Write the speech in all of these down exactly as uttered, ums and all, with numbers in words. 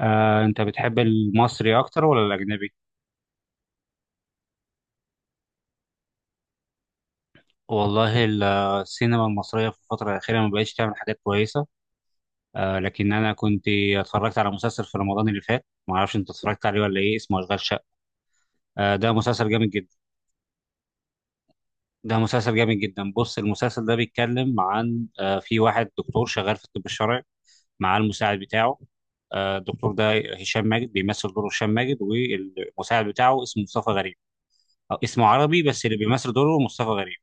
آه، انت بتحب المصري اكتر ولا الاجنبي؟ والله ال- السينما المصريه في الفتره الاخيره ما بقتش تعمل حاجات كويسه. آه، لكن انا كنت اتفرجت على مسلسل في رمضان اللي فات، ما اعرفش انت اتفرجت عليه ولا ايه، اسمه اشغال شقه. آه، ده مسلسل جامد جدا. ده مسلسل جامد جدا بص، المسلسل ده بيتكلم عن، آه، في واحد دكتور شغال في الطب الشرعي مع المساعد بتاعه. آه، الدكتور ده هشام ماجد، بيمثل دوره هشام ماجد، والمساعد بتاعه اسمه مصطفى غريب، أو اسمه عربي بس اللي بيمثل دوره مصطفى غريب.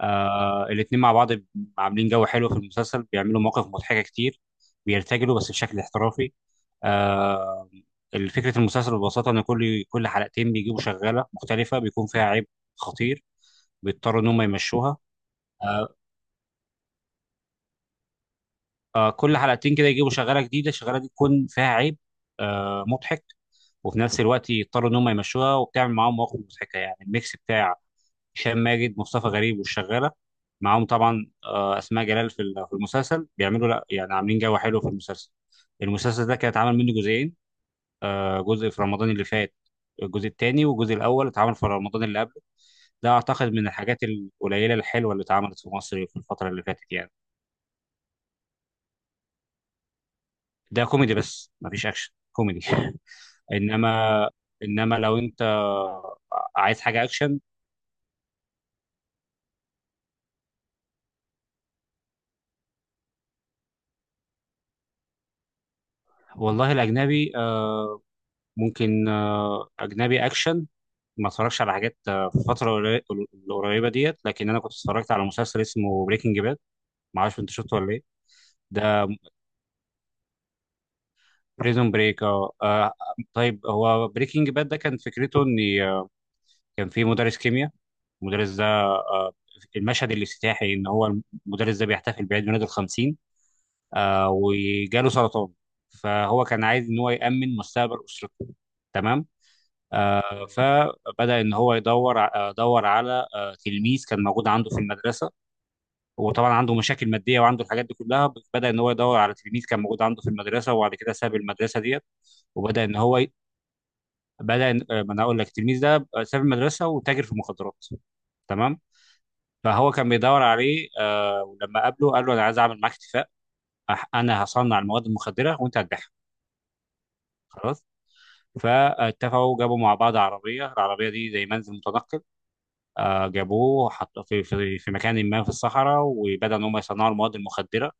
آه الاتنين مع بعض عاملين جو حلو في المسلسل، بيعملوا مواقف مضحكة كتير، بيرتجلوا بس بشكل احترافي. آه فكرة المسلسل ببساطة إن كل كل حلقتين بيجيبوا شغالة مختلفة بيكون فيها عيب خطير، بيضطروا إن هم يمشوها. آه آه كل حلقتين كده يجيبوا شغالة جديدة، الشغالة دي تكون فيها عيب، آه مضحك. وفي نفس الوقت يضطروا إن هم يمشوها، وبتعمل معاهم مواقف مضحكة، يعني الميكس بتاع هشام ماجد، مصطفى غريب، والشغاله، معاهم طبعا آه، اسماء جلال. في ال- في المسلسل بيعملوا، لا يعني عاملين جو حلو في المسلسل. المسلسل ده كان اتعمل منه جزئين، آه، جزء في رمضان اللي فات، الجزء الثاني، والجزء الاول اتعمل في رمضان اللي قبله. ده اعتقد من الحاجات القليله الحلوه اللي اتعملت في مصر في الفتره اللي فاتت يعني. ده كوميدي، بس مفيش اكشن كوميدي. انما، انما لو انت عايز حاجه اكشن، والله الاجنبي، آه، ممكن آه، اجنبي اكشن. ما اتفرجش على حاجات آه، في الفترة القري- القريبة ديت، لكن أنا كنت اتفرجت على مسلسل اسمه بريكنج باد، معرفش أنت شفته ولا إيه. ده بريزون بريك. اه آه، طيب هو بريكنج باد ده كان فكرته إن، آه، كان في مدرس كيمياء. المدرس ده، آه، المشهد الافتتاحي إن هو المدرس ده بيحتفل بعيد ميلاده الخمسين آه وجاله سرطان. فهو كان عايز إن هو يأمن مستقبل أسرته. تمام. آه فبدأ إن هو يدور ع- آه، دور على آه تلميذ كان موجود عنده في المدرسة. هو طبعا عنده مشاكل ماديه وعنده الحاجات دي كلها، بدا ان هو يدور على تلميذ كان موجود عنده في المدرسه، وبعد كده ساب المدرسه ديت. وبدا ان هو ي- بدا إن- آه، ما انا اقول لك، التلميذ ده ساب المدرسه وتاجر في المخدرات. تمام. فهو كان بيدور عليه، آه ولما قابله قال له انا عايز اعمل معاك اتفاق. أح- انا هصنع المواد المخدره وانت هتبيعها. خلاص. فاتفقوا، جابوا مع بعض عربيه، العربيه دي زي منزل متنقل. آه، جابوه، حط في في في مكان ما في الصحراء، وبدأ ان هم يصنعوا المواد المخدره.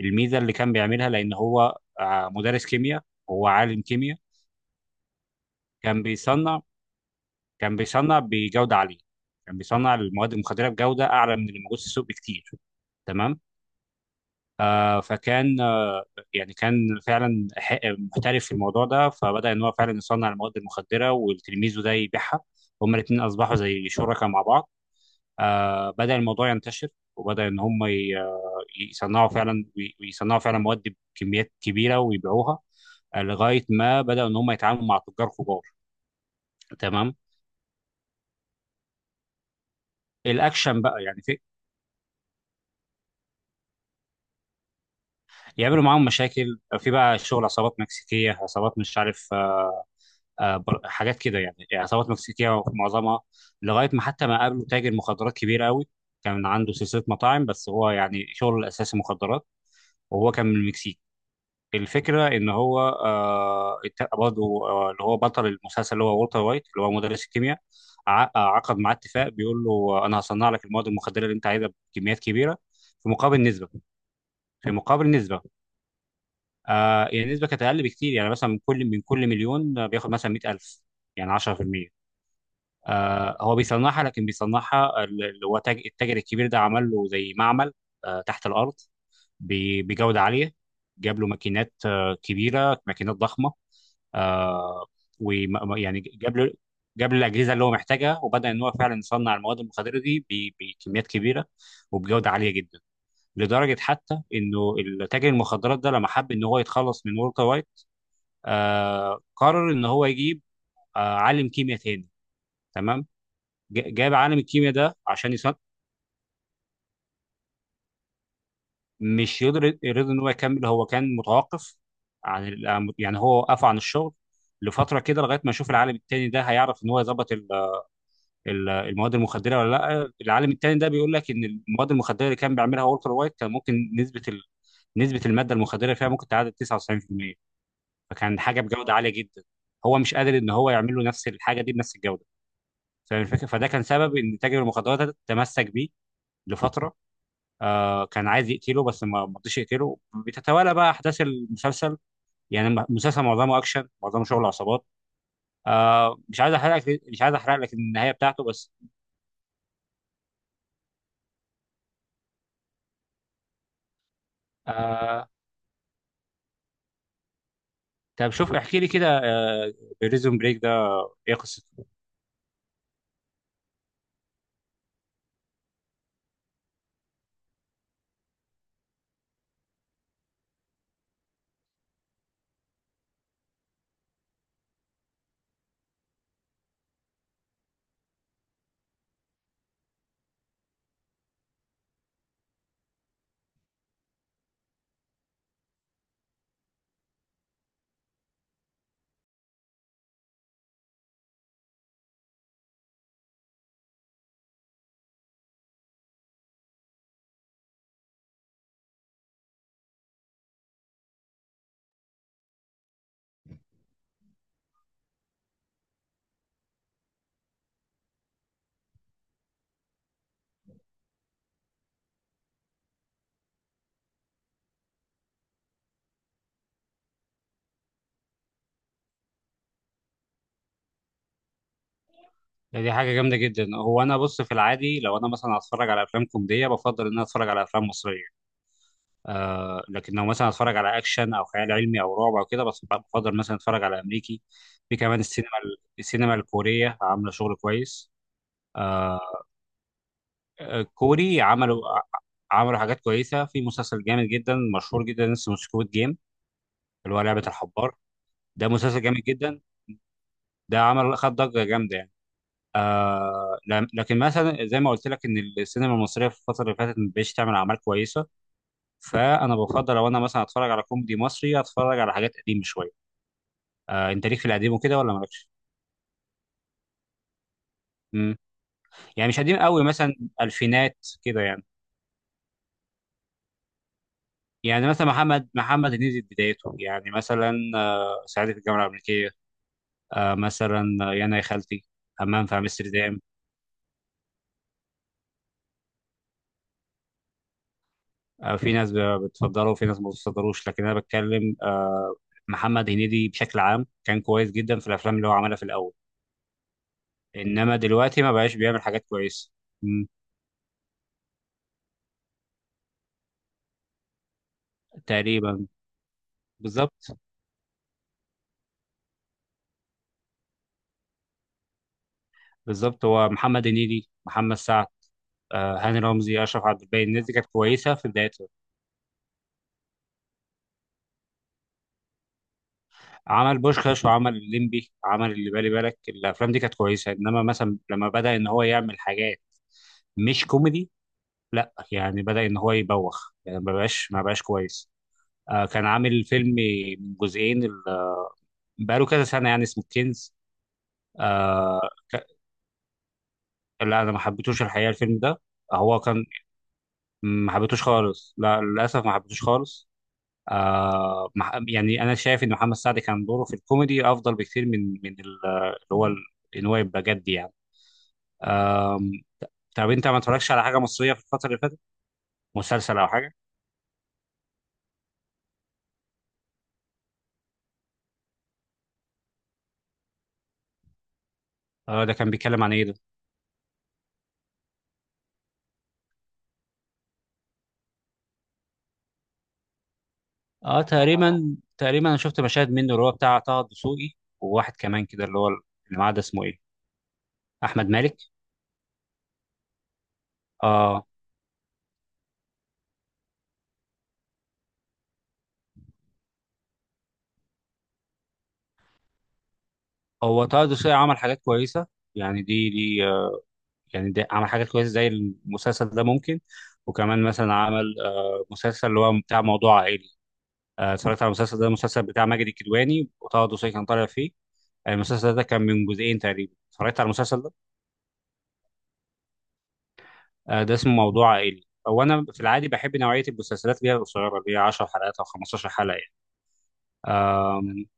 الميزه اللي كان بيعملها، لان هو آه، مدرس كيمياء، هو عالم كيمياء. كان بيصنع كان بيصنع بجوده عاليه، كان بيصنع المواد المخدره بجوده اعلى من اللي موجود في السوق بكتير. تمام. آه فكان، آه، يعني كان فعلا ح- محترف في الموضوع ده، فبدأ ان هو فعلا يصنع المواد المخدره والتلميذ ده يبيعها، هما الاثنين اصبحوا زي شركاء مع بعض. آه، بدأ الموضوع ينتشر، وبدأ إن هم ي- آه، يصنعوا فعلا، وي- ويصنعوا فعلا مواد بكميات كبيرة ويبيعوها، آه، لغاية ما بدأوا إن هم يتعاملوا مع تجار كبار. تمام. الأكشن بقى، يعني في يعملوا معاهم مشاكل، آه، في بقى شغل عصابات مكسيكية، عصابات مش عارف، آه، آه، بر- حاجات كده يعني، يعني عصابات مكسيكية معظمها. لغاية ما حتى ما قابلوا تاجر مخدرات كبير قوي، كان عنده سلسلة مطاعم بس هو يعني شغله الأساسي مخدرات، وهو كان من المكسيك. الفكرة إن هو، آه الت- برضه آه اللي هو بطل المسلسل اللي هو والتر وايت، اللي هو مدرس الكيمياء، ع- آه، عقد معاه اتفاق، بيقول له آه، أنا هصنع لك المواد المخدرة اللي أنت عايزها بكميات كبيرة، في مقابل نسبة. في مقابل نسبة آه يعني النسبة كانت أقل بكتير، يعني مثلا من كل من كل مليون آه، بياخد مثلا مئة ألف، يعني عشرة في المئة. آه هو بيصنعها، لكن بيصنعها ال- اللي هو تاج- التاجر الكبير ده عمل له زي معمل آه تحت الأرض، ب- بجودة عالية، جاب له ماكينات آه، كبيرة، ماكينات ضخمة. آه ويعني جاب له جاب له الاجهزه اللي هو محتاجها، وبدا ان هو فعلا يصنع المواد المخدره دي ب- بكميات كبيره وبجوده عاليه جدا. لدرجه حتى انه تاجر المخدرات ده لما حب ان هو يتخلص من والتر وايت، آه قرر ان هو يجيب آه عالم كيمياء تاني. تمام. ج- جاب عالم الكيمياء ده عشان يصنع. مش يقدر يرضى ان هو يكمل، هو كان متوقف عن ال- يعني هو وقف عن الشغل لفتره كده، لغايه ما يشوف العالم التاني ده هيعرف ان هو يظبط ال- المواد المخدره ولا لا. العالم التاني ده بيقول لك ان المواد المخدره اللي كان بيعملها والتر وايت كان ممكن نسبه ال، نسبه الماده المخدره فيها ممكن تعادل تسعة وتسعين في المية، فكان حاجه بجوده عاليه جدا، هو مش قادر ان هو يعمل له نفس الحاجه دي بنفس الجوده. فاهم الفكره؟ فده كان سبب ان تاجر المخدرات ده تمسك بيه لفتره، آه كان عايز يقتله بس ما ما رضيش يقتله. بتتوالى بقى احداث المسلسل، يعني الم- المسلسل معظمه اكشن، معظمه شغل عصابات. آه مش عايز احرق لك مش عايز احرق لك النهايه بتاعته بس. آه، طب شوف احكي لي كده، بريزون بريك ده ايه قصته؟ ده دي حاجه جامده جدا. هو انا بص، في العادي لو انا مثلا هتفرج على افلام كوميديه، بفضل ان انا اتفرج على افلام مصريه. آه لكن لو مثلا هتفرج على اكشن او خيال علمي او رعب او كده، بس بفضل مثلا اتفرج على امريكي. في كمان السينما السينما الكوريه عامله شغل كويس. آه آه، كوري عملوا، آه، عملوا حاجات كويسه، في مسلسل جامد جدا مشهور جدا اسمه سكويد جيم، اللي هو لعبه الحبار. ده مسلسل جامد جدا، ده عمل، خد ضجه جامده يعني. آه لم- لكن مثلا زي ما قلت لك ان السينما المصريه في الفتره اللي فاتت ما بقتش تعمل اعمال كويسه، فانا بفضل لو انا مثلا اتفرج على كوميدي مصري، اتفرج على حاجات قديمه شويه. آه انت ليك في القديم وكده ولا مالكش؟ مم. يعني مش قديم قوي، مثلا الفينات كده يعني. يعني مثلا محمد محمد هنيدي في بدايته، يعني مثلا آه صعيدي في الجامعه الامريكيه، آه مثلا، آه، يانا يا خالتي، همام في امستردام. آه في ناس ب- بتفضله وفي ناس ما بتفضلوش، لكن انا بتكلم، آه، محمد هنيدي بشكل عام كان كويس جدا في الافلام اللي هو عملها في الاول، انما دلوقتي ما بقاش بيعمل حاجات كويسه. مم. تقريبا. بالظبط. بالظبط، هو محمد هنيدي، محمد سعد، آه، هاني رمزي، اشرف عبد الباقي، الناس دي كانت كويسه في بدايتها. عمل بوشخاش وعمل الليمبي، عمل اللي بالي بالك، الافلام دي كانت كويسه، انما مثلا لما بدا ان هو يعمل حاجات مش كوميدي، لا يعني بدا ان هو يبوخ، يعني ما بقاش ما بقاش كويس. آه، كان عامل فيلم من جزئين، ال- بقاله كذا سنه يعني، اسمه كنز. آه ك- لا انا ما حبيتوش الحقيقه الفيلم ده. هو كان، ما حبيتوش خالص، لا للاسف ما حبيتوش خالص. آه ما ح- يعني انا شايف ان محمد سعد كان دوره في الكوميدي افضل بكتير من من ال- اللي هو ال- ان هو يبقى جد يعني. آه طب انت ما اتفرجتش على حاجه مصريه في الفتره اللي فاتت؟ مسلسل او حاجه. آه ده كان بيتكلم عن ايه ده؟ اه تقريبا تقريبا انا شفت مشاهد منه، اللي هو بتاع طه الدسوقي وواحد كمان كده اللي هو اللي معاه ده اسمه ايه، احمد مالك. اه هو طه الدسوقي عمل حاجات كويسه، يعني دي دي آه، يعني دي عمل حاجات كويسه زي المسلسل ده ممكن. وكمان مثلا عمل، آه، مسلسل اللي هو بتاع موضوع عائلي. آه، اتفرجت على المسلسل ده، المسلسل بتاع ماجد الكدواني وطه الدسوقي كان طالع فيه. آه، المسلسل ده كان من جزئين تقريبا، اتفرجت على المسلسل ده. آه، ده اسمه موضوع عائلي. هو انا في العادي بحب نوعيه المسلسلات اللي هي القصيره، اللي هي 10 حلقات او خمستاشر حلقة حلقه يعني.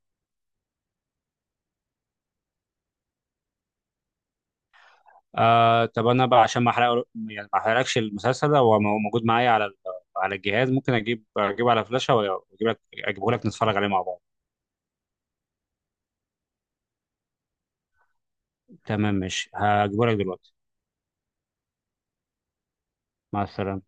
آه طب انا بقى عشان ما احرق يعني ما احرقلكش المسلسل ده، هو مو- موجود معايا على ال- على الجهاز، ممكن اجيب اجيبه على فلاشة، واجيب لك اجيبه لك نتفرج عليه مع بعض. تمام ماشي، هجيبه لك دلوقتي. مع السلامة.